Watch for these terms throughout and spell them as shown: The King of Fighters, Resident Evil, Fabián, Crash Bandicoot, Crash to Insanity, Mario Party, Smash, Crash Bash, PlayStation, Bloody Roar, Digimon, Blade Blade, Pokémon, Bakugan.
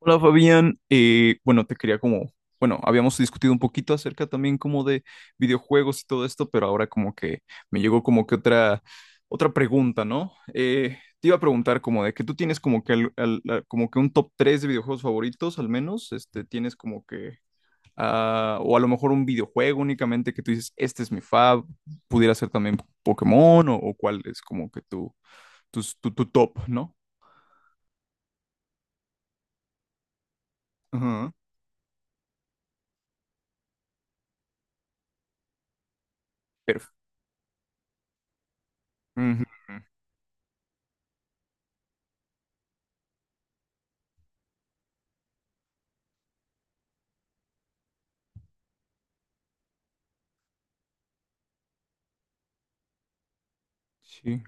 Hola Fabián, bueno, te quería como, bueno, habíamos discutido un poquito acerca también como de videojuegos y todo esto, pero ahora como que me llegó como que otra pregunta, ¿no? Te iba a preguntar como de que tú tienes como que, como que un top 3 de videojuegos favoritos, al menos, este, tienes como que, o a lo mejor un videojuego únicamente que tú dices, pudiera ser también Pokémon o cuál es como que tu, tu, tu top, ¿no? Ajá. Perf- Ujú. Sí.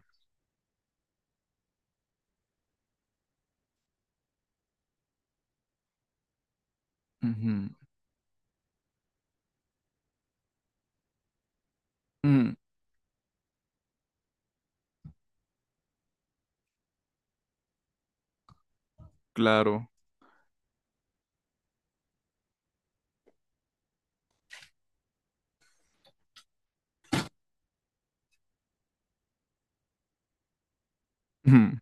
Ujú. Mm, claro. Ujú.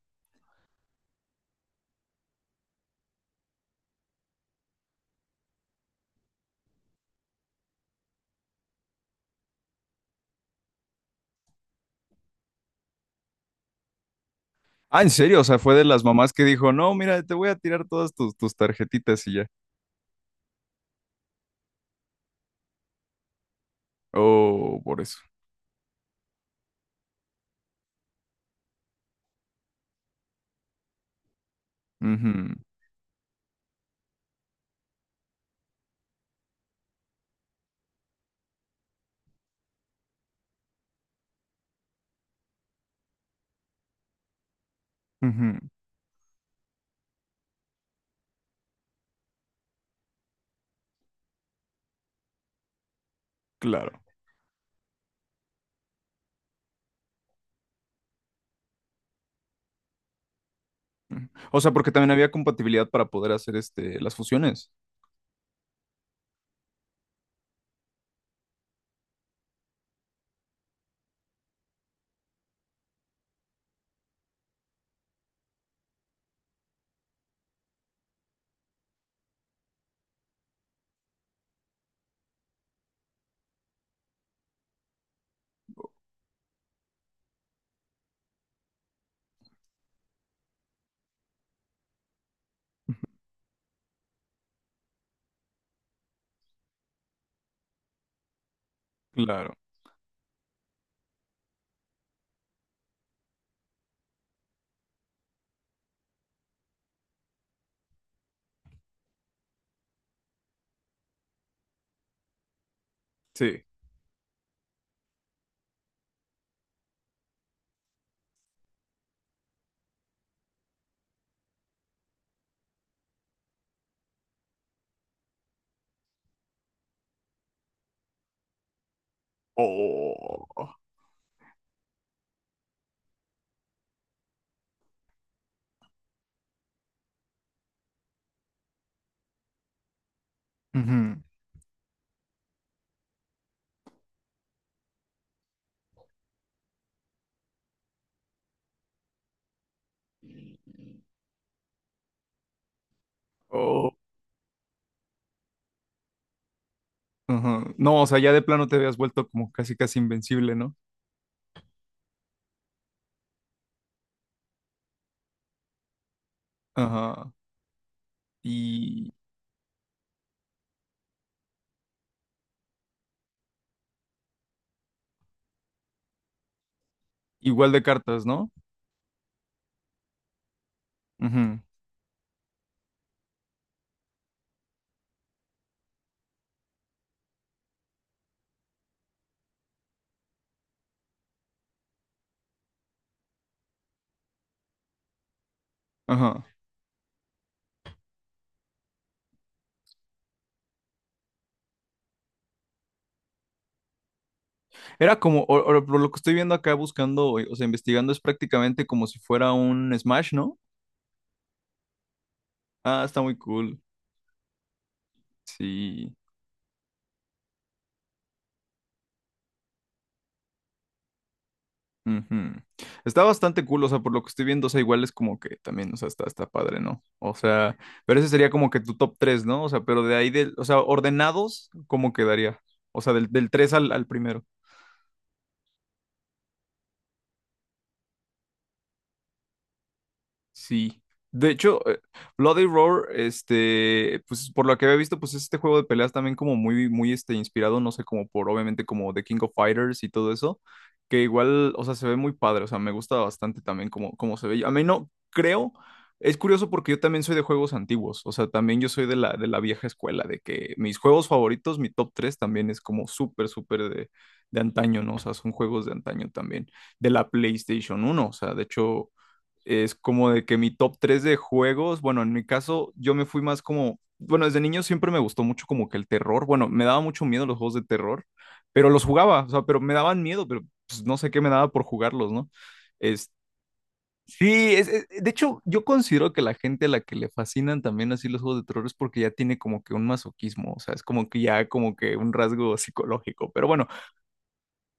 Ah, ¿en serio? O sea, fue de las mamás que dijo, no, mira, te voy a tirar todas tus tarjetitas y ya. Oh, por eso. Ujú, ujú, claro. Ujú. O sea, porque también había compatibilidad para poder hacer este, las fusiones. Claro, sí. Oh. Ujú. Oh. Ajá. No, o sea, ya de plano te habías vuelto como casi casi invencible, ¿no? Ajá. Y igual de cartas, ¿no? Ujú. Ajá. Era como, o por lo que estoy viendo acá buscando, o sea, investigando, es prácticamente como si fuera un Smash, ¿no? Ah, está muy cool. Sí. Ujú. Está bastante cool, o sea, por lo que estoy viendo, o sea, igual es como que también, o sea, está padre, ¿no? O sea, pero ese sería como que tu top tres, ¿no? O sea, pero de ahí, del, o sea, ordenados, ¿cómo quedaría? O sea, del 3 al primero. Sí. De hecho, Bloody Roar, este, pues por lo que había visto, pues es este juego de peleas también como muy, muy, este, inspirado, no sé, como por, obviamente, como The King of Fighters y todo eso, que igual, o sea, se ve muy padre, o sea, me gusta bastante también como, como se ve. A mí no, creo, es curioso porque yo también soy de juegos antiguos, o sea, también yo soy de la, vieja escuela, de que mis juegos favoritos, mi top 3 también es como súper, súper de antaño, ¿no? O sea, son juegos de antaño también, de la PlayStation 1, o sea, de hecho es como de que mi top 3 de juegos, bueno, en mi caso yo me fui más como, bueno, desde niño siempre me gustó mucho como que el terror, bueno, me daba mucho miedo los juegos de terror, pero los jugaba, o sea, pero me daban miedo, pero pues, no sé qué me daba por jugarlos, ¿no? es Sí, de hecho, yo considero que la gente a la que le fascinan también así los juegos de terror es porque ya tiene como que un masoquismo, o sea, es como que ya como que un rasgo psicológico. Pero bueno,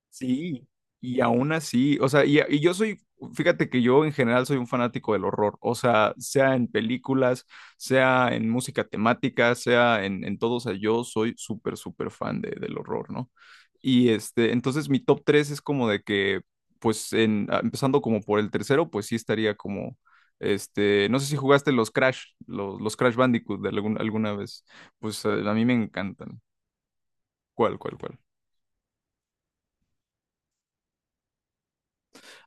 sí, y aún así, o sea, y yo soy, fíjate que yo en general soy un fanático del horror, o sea, sea en películas, sea en música temática, sea en todo, o sea, yo soy súper, súper fan del horror, ¿no? Y este, entonces mi top 3 es como de que, pues, empezando como por el tercero, pues sí estaría como, este, no sé si jugaste los Crash, los Crash Bandicoot de alguna vez, pues a mí me encantan. ¿Cuál, cuál, cuál?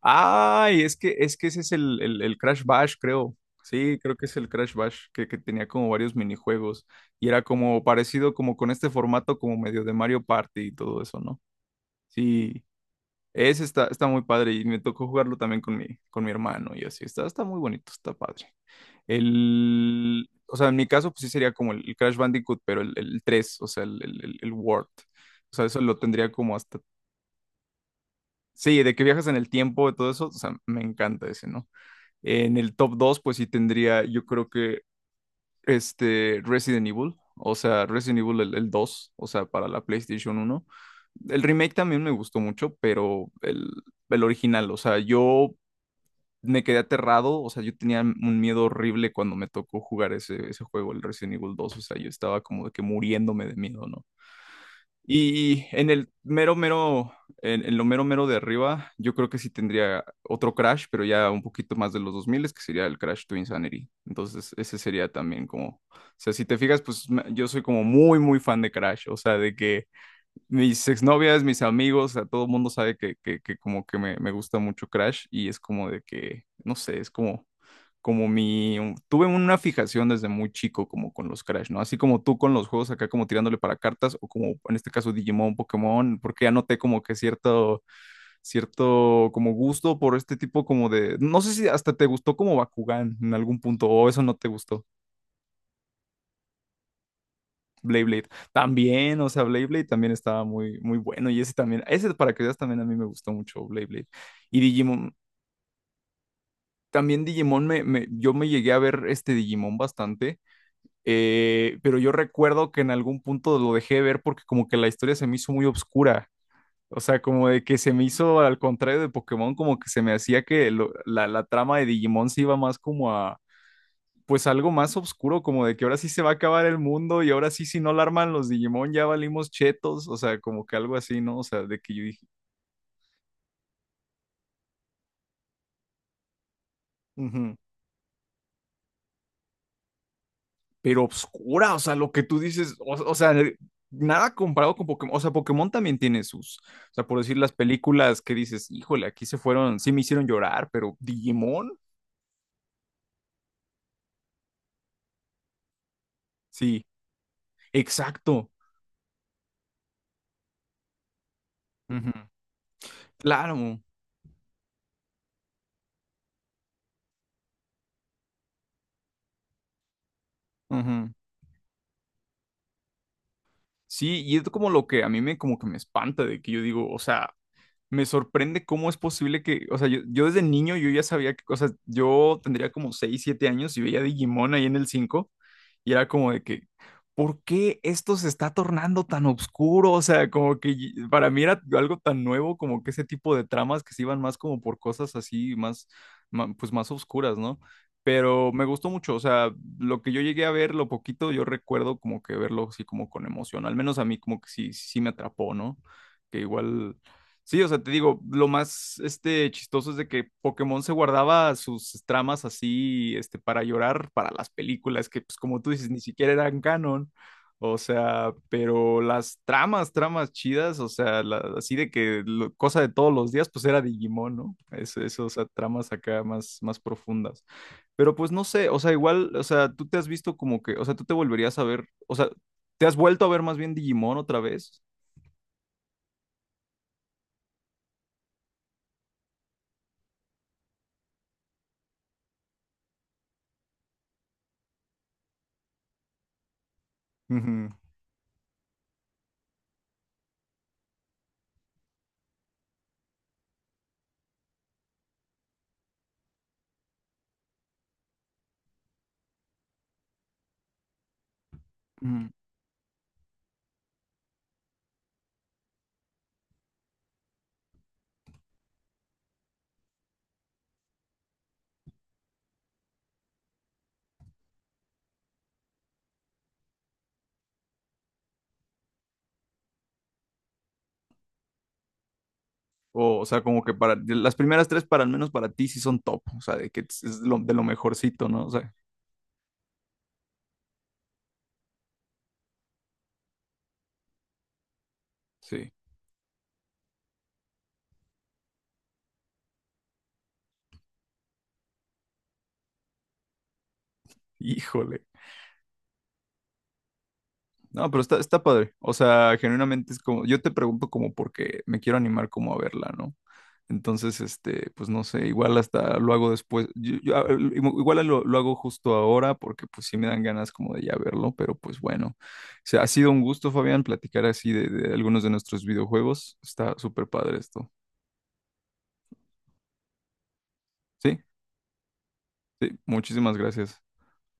Ay, es que ese es el, el Crash Bash, creo. Sí, creo que es el Crash Bash, que tenía como varios minijuegos y era como parecido como con este formato como medio de Mario Party y todo eso, ¿no? Sí, ese está muy padre y me tocó jugarlo también con con mi hermano y así, está muy bonito, está padre. O sea, en mi caso pues sí sería como el, el, Crash Bandicoot, pero el 3, o sea, el, el World. O sea, eso lo tendría como hasta... Sí, de que viajas en el tiempo y todo eso, o sea, me encanta ese, ¿no? En el top 2, pues sí tendría, yo creo que este Resident Evil, o sea, Resident Evil el, 2, o sea, para la PlayStation 1. El remake también me gustó mucho, pero el original, o sea, yo me quedé aterrado, o sea, yo tenía un miedo horrible cuando me tocó jugar ese juego, el Resident Evil 2, o sea, yo estaba como de que muriéndome de miedo, ¿no? Y en el mero, mero, en lo mero, mero de arriba, yo creo que sí tendría otro Crash, pero ya un poquito más de los 2000, que sería el Crash to Insanity. Entonces, ese sería también como, o sea, si te fijas, pues yo soy como muy, muy fan de Crash, o sea, de que mis exnovias, mis amigos, a todo el mundo sabe que, que como que me gusta mucho Crash y es como de que, no sé, es como, como mi, tuve una fijación desde muy chico como con los Crash, ¿no? Así como tú con los juegos acá como tirándole para cartas o como en este caso Digimon, Pokémon, porque ya noté como que cierto como gusto por este tipo como de, no sé si hasta te gustó como Bakugan en algún punto o eso no te gustó. Blade Blade. También, o sea, Blade Blade también estaba muy, muy bueno. Y ese también, ese para que veas también a mí me gustó mucho Blade Blade. Y Digimon, también Digimon, yo me llegué a ver este Digimon bastante, pero yo recuerdo que en algún punto lo dejé de ver porque como que la historia se me hizo muy obscura. O sea, como de que se me hizo, al contrario de Pokémon, como que se me hacía que la trama de Digimon se iba más como a pues algo más oscuro, como de que ahora sí se va a acabar el mundo y ahora sí si no la arman los Digimon ya valimos chetos, o sea, como que algo así, ¿no? O sea, de que yo dije, "Ujú". Pero oscura, o sea, lo que tú dices, o sea, nada comparado con Pokémon, o sea, Pokémon también tiene sus, o sea, por decir las películas que dices, híjole, aquí se fueron, sí me hicieron llorar, pero Digimon, sí, exacto. Ujú, claro, ujú. Sí, y es como lo que a mí me como que me espanta de que yo digo, o sea, me sorprende cómo es posible que, o sea, yo desde niño yo ya sabía que, o sea, yo tendría como 6 7 años y veía Digimon ahí en el 5 y era como de que, ¿por qué esto se está tornando tan oscuro? O sea, como que para mí era algo tan nuevo como que ese tipo de tramas que se iban más como por cosas así, más, pues más oscuras, ¿no? Pero me gustó mucho, o sea, lo que yo llegué a ver, lo poquito, yo recuerdo como que verlo así como con emoción, al menos a mí como que sí, sí me atrapó, ¿no? Que igual... Sí, o sea, te digo, lo más este, chistoso es de que Pokémon se guardaba sus tramas así este, para llorar para las películas, que pues como tú dices, ni siquiera eran canon. O sea, pero las tramas, tramas chidas, o sea, así de que cosa de todos los días, pues era Digimon, ¿no? Es, eso, o sea, tramas acá más, más profundas. Pero pues no sé, o sea, igual, o sea, tú te has visto como que, o sea, tú te volverías a ver, o sea, ¿te has vuelto a ver más bien Digimon otra vez? Ujú. O sea, como que para las primeras tres, para al menos para ti, sí son top. O sea, de que es de lo mejorcito, ¿no? O sea, sí. Híjole. No, pero está padre. O sea, genuinamente es como, yo te pregunto como porque me quiero animar como a verla, ¿no? Entonces, este, pues no sé, igual hasta lo hago después. Yo, igual lo hago justo ahora porque pues sí me dan ganas como de ya verlo, pero pues bueno. O sea, ha sido un gusto, Fabián, platicar así de, algunos de nuestros videojuegos. Está súper padre esto. Sí, sí, muchísimas gracias.